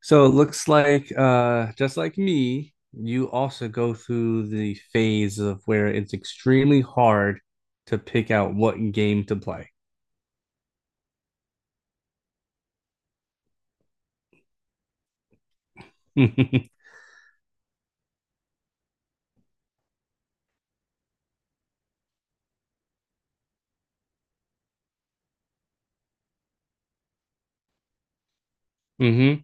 So it looks like, just like me, you also go through the phase of where it's extremely hard to pick out what game to play. hmm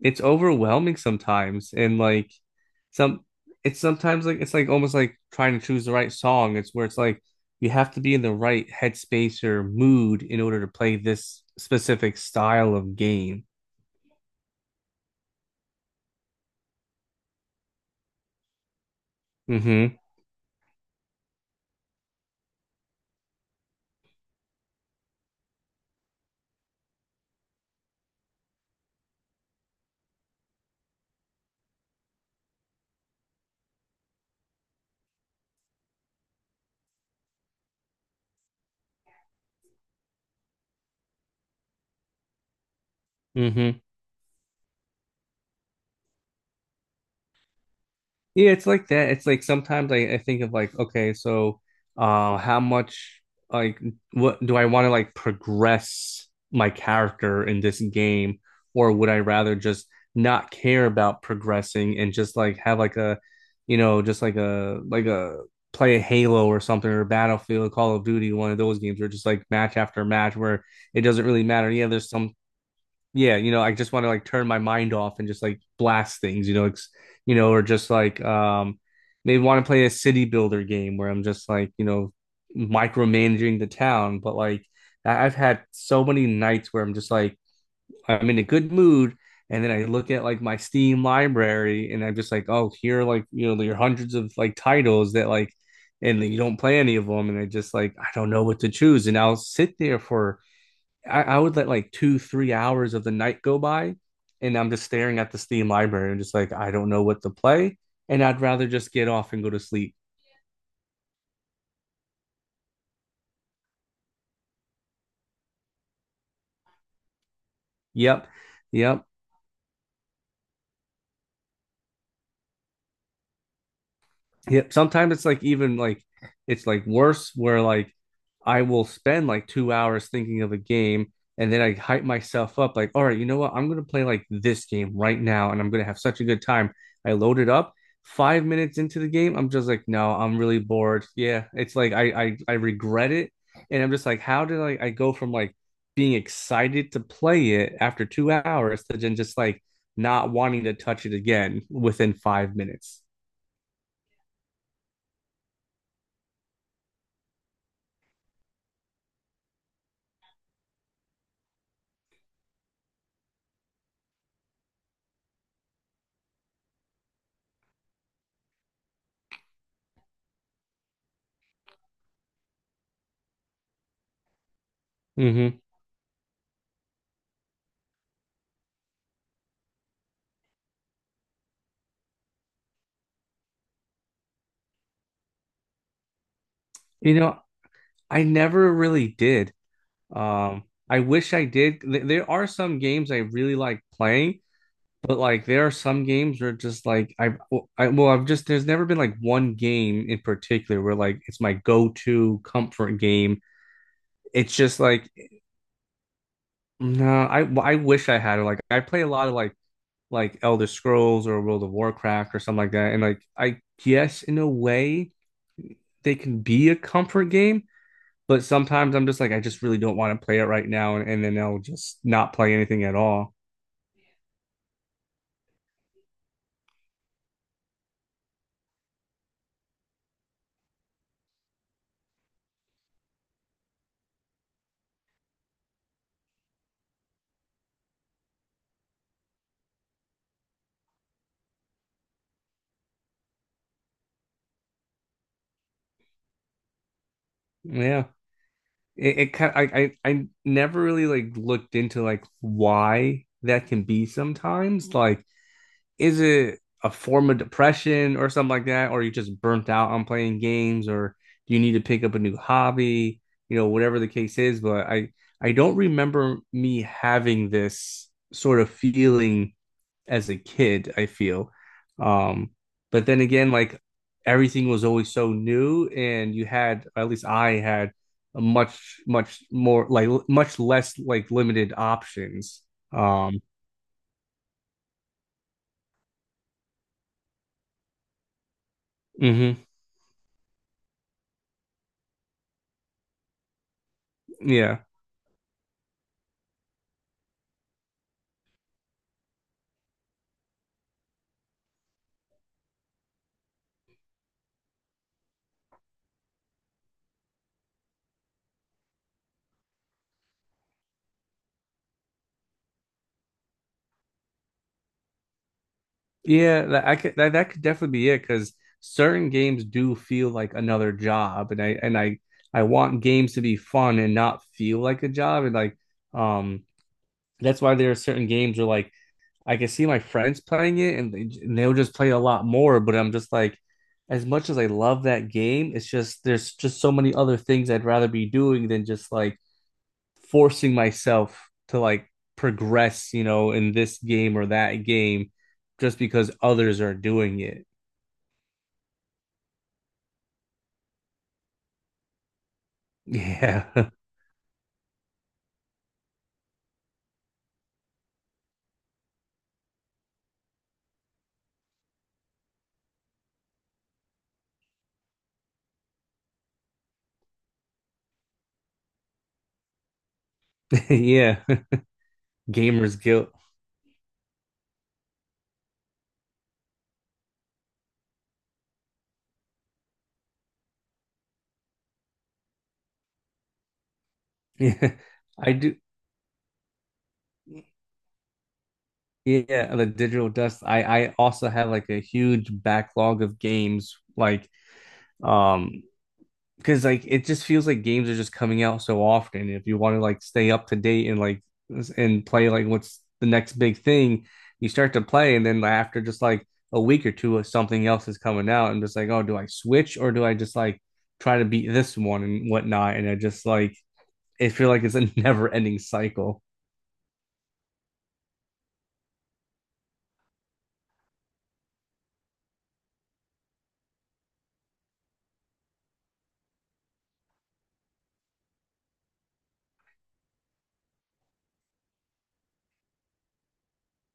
It's overwhelming sometimes, and some, it's sometimes like almost like trying to choose the right song. It's where it's like you have to be in the right headspace or mood in order to play this specific style of game. Hmm hmm Yeah, it's like that. It's like sometimes I think of like, okay, so how much, like, what do I want to like progress my character in this game, or would I rather just not care about progressing and just like have like a you know, just like a play a Halo or something, or Battlefield, Call of Duty, one of those games where just like match after match where it doesn't really matter. Yeah, there's some, yeah, you know, I just want to like turn my mind off and just like blast things, you know, or just like, maybe want to play a city builder game where I'm just like, you know, micromanaging the town. But like I've had so many nights where I'm just like I'm in a good mood, and then I look at like my Steam library and I'm just like, oh, here are, like, you know, there are hundreds of like titles that like, and you don't play any of them, and I just like I don't know what to choose, and I'll sit there for I would let like two, 3 hours of the night go by, and I'm just staring at the Steam library and just like, I don't know what to play. And I'd rather just get off and go to sleep. Yep. Yep. Yeah, sometimes it's like even like it's like worse where like I will spend like 2 hours thinking of a game, and then I hype myself up like, all right, you know what? I'm gonna play like this game right now and I'm gonna have such a good time. I load it up. 5 minutes into the game, I'm just like, no, I'm really bored. Yeah, it's like I regret it, and I'm just like, how did I go from like being excited to play it after 2 hours to then just like not wanting to touch it again within 5 minutes? Hmm You know, I never really did. I wish I did. There are some games I really like playing, but like there are some games where just like well, I've just, there's never been like one game in particular where like it's my go-to comfort game. It's just like, no, I wish I had it. Like I play a lot of like Elder Scrolls or World of Warcraft or something like that. And like, I guess in a way they can be a comfort game. But sometimes I'm just like, I just really don't want to play it right now, and then I'll just not play anything at all. Yeah. It kind, I never really like looked into like why that can be sometimes. Like, is it a form of depression or something like that? Or you just burnt out on playing games, or do you need to pick up a new hobby? You know, whatever the case is, but I don't remember me having this sort of feeling as a kid, I feel. Um, but then again, like everything was always so new, and you had, at least I had, a much, much more like much less like limited options. Um, hmm yeah, yeah, that I could, that, that could definitely be it because certain games do feel like another job, and I want games to be fun and not feel like a job, and like, um that's why there are certain games where like I can see my friends playing it, and they'll just play a lot more, but I'm just like, as much as I love that game, it's just there's just so many other things I'd rather be doing than just like forcing myself to like progress, you know, in this game or that game just because others are doing it. Yeah. Yeah. Gamer's guilt. Yeah. I do. Yeah, the digital dust. I also have like a huge backlog of games like, um because like it just feels like games are just coming out so often. If you want to like stay up to date and play like what's the next big thing, you start to play, and then after just like a week or two, something else is coming out, and just like, oh, do I switch or do I just like try to beat this one and whatnot? And I just like it feel like it's a never ending cycle.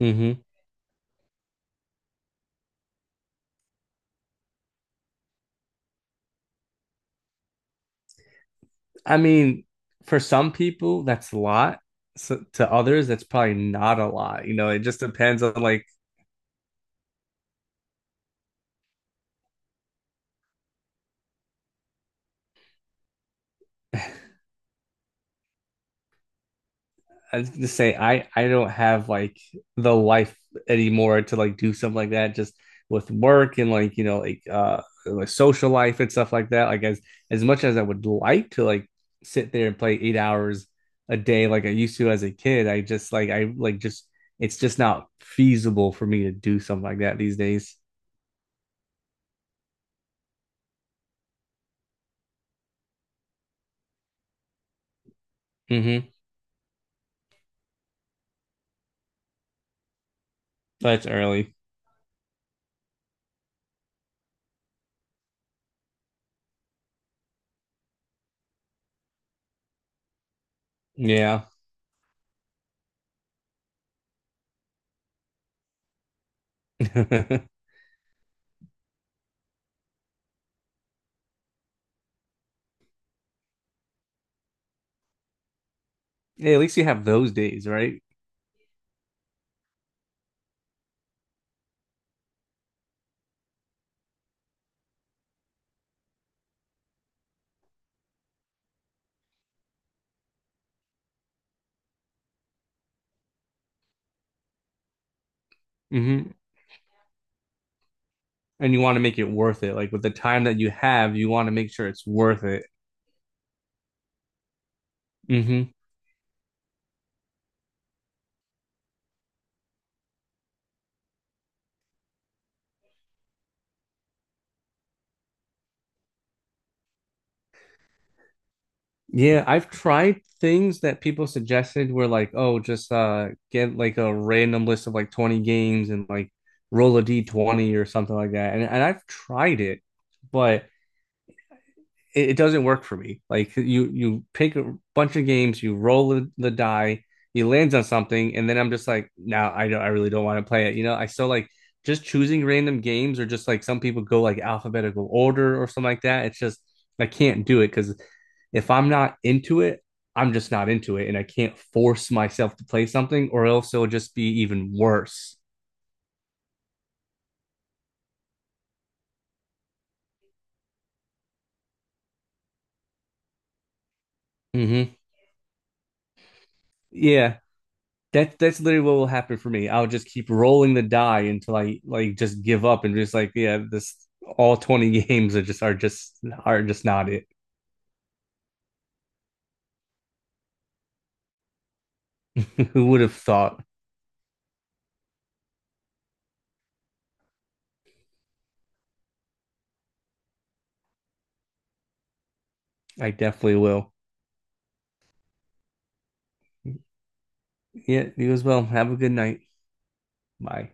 Hmm I mean, for some people, that's a lot. So to others, that's probably not a lot. You know, it just depends on like, I was gonna say I don't have like the life anymore to like do something like that just with work and like you know like social life and stuff like that. Like as much as I would like to like sit there and play 8 hours a day like I used to as a kid, I just like I like just it's just not feasible for me to do something like that these days. Mm-hmm. That's early. Yeah. Hey, at least you have those days, right? hmm and you want to make it worth it. Like with the time that you have, you want to make sure it's worth it. Hmm Yeah, I've tried things that people suggested were like, oh, just get like a random list of like 20 games and like roll a D20 or something like that. And I've tried it, but it doesn't work for me. Like you pick a bunch of games, you roll the die, he lands on something, and then I'm just like, now nah, I don't, I really don't want to play it. You know, I still like just choosing random games or just like some people go like alphabetical order or something like that. It's just I can't do it because if I'm not into it, I'm just not into it, and I can't force myself to play something, or else it'll just be even worse. Hmm Yeah, that that's literally what will happen for me. I'll just keep rolling the die until I like just give up and just like yeah, this all 20 games are just are just are just not it. Who would have thought? I definitely will. Yeah, you as well. Have a good night. Bye.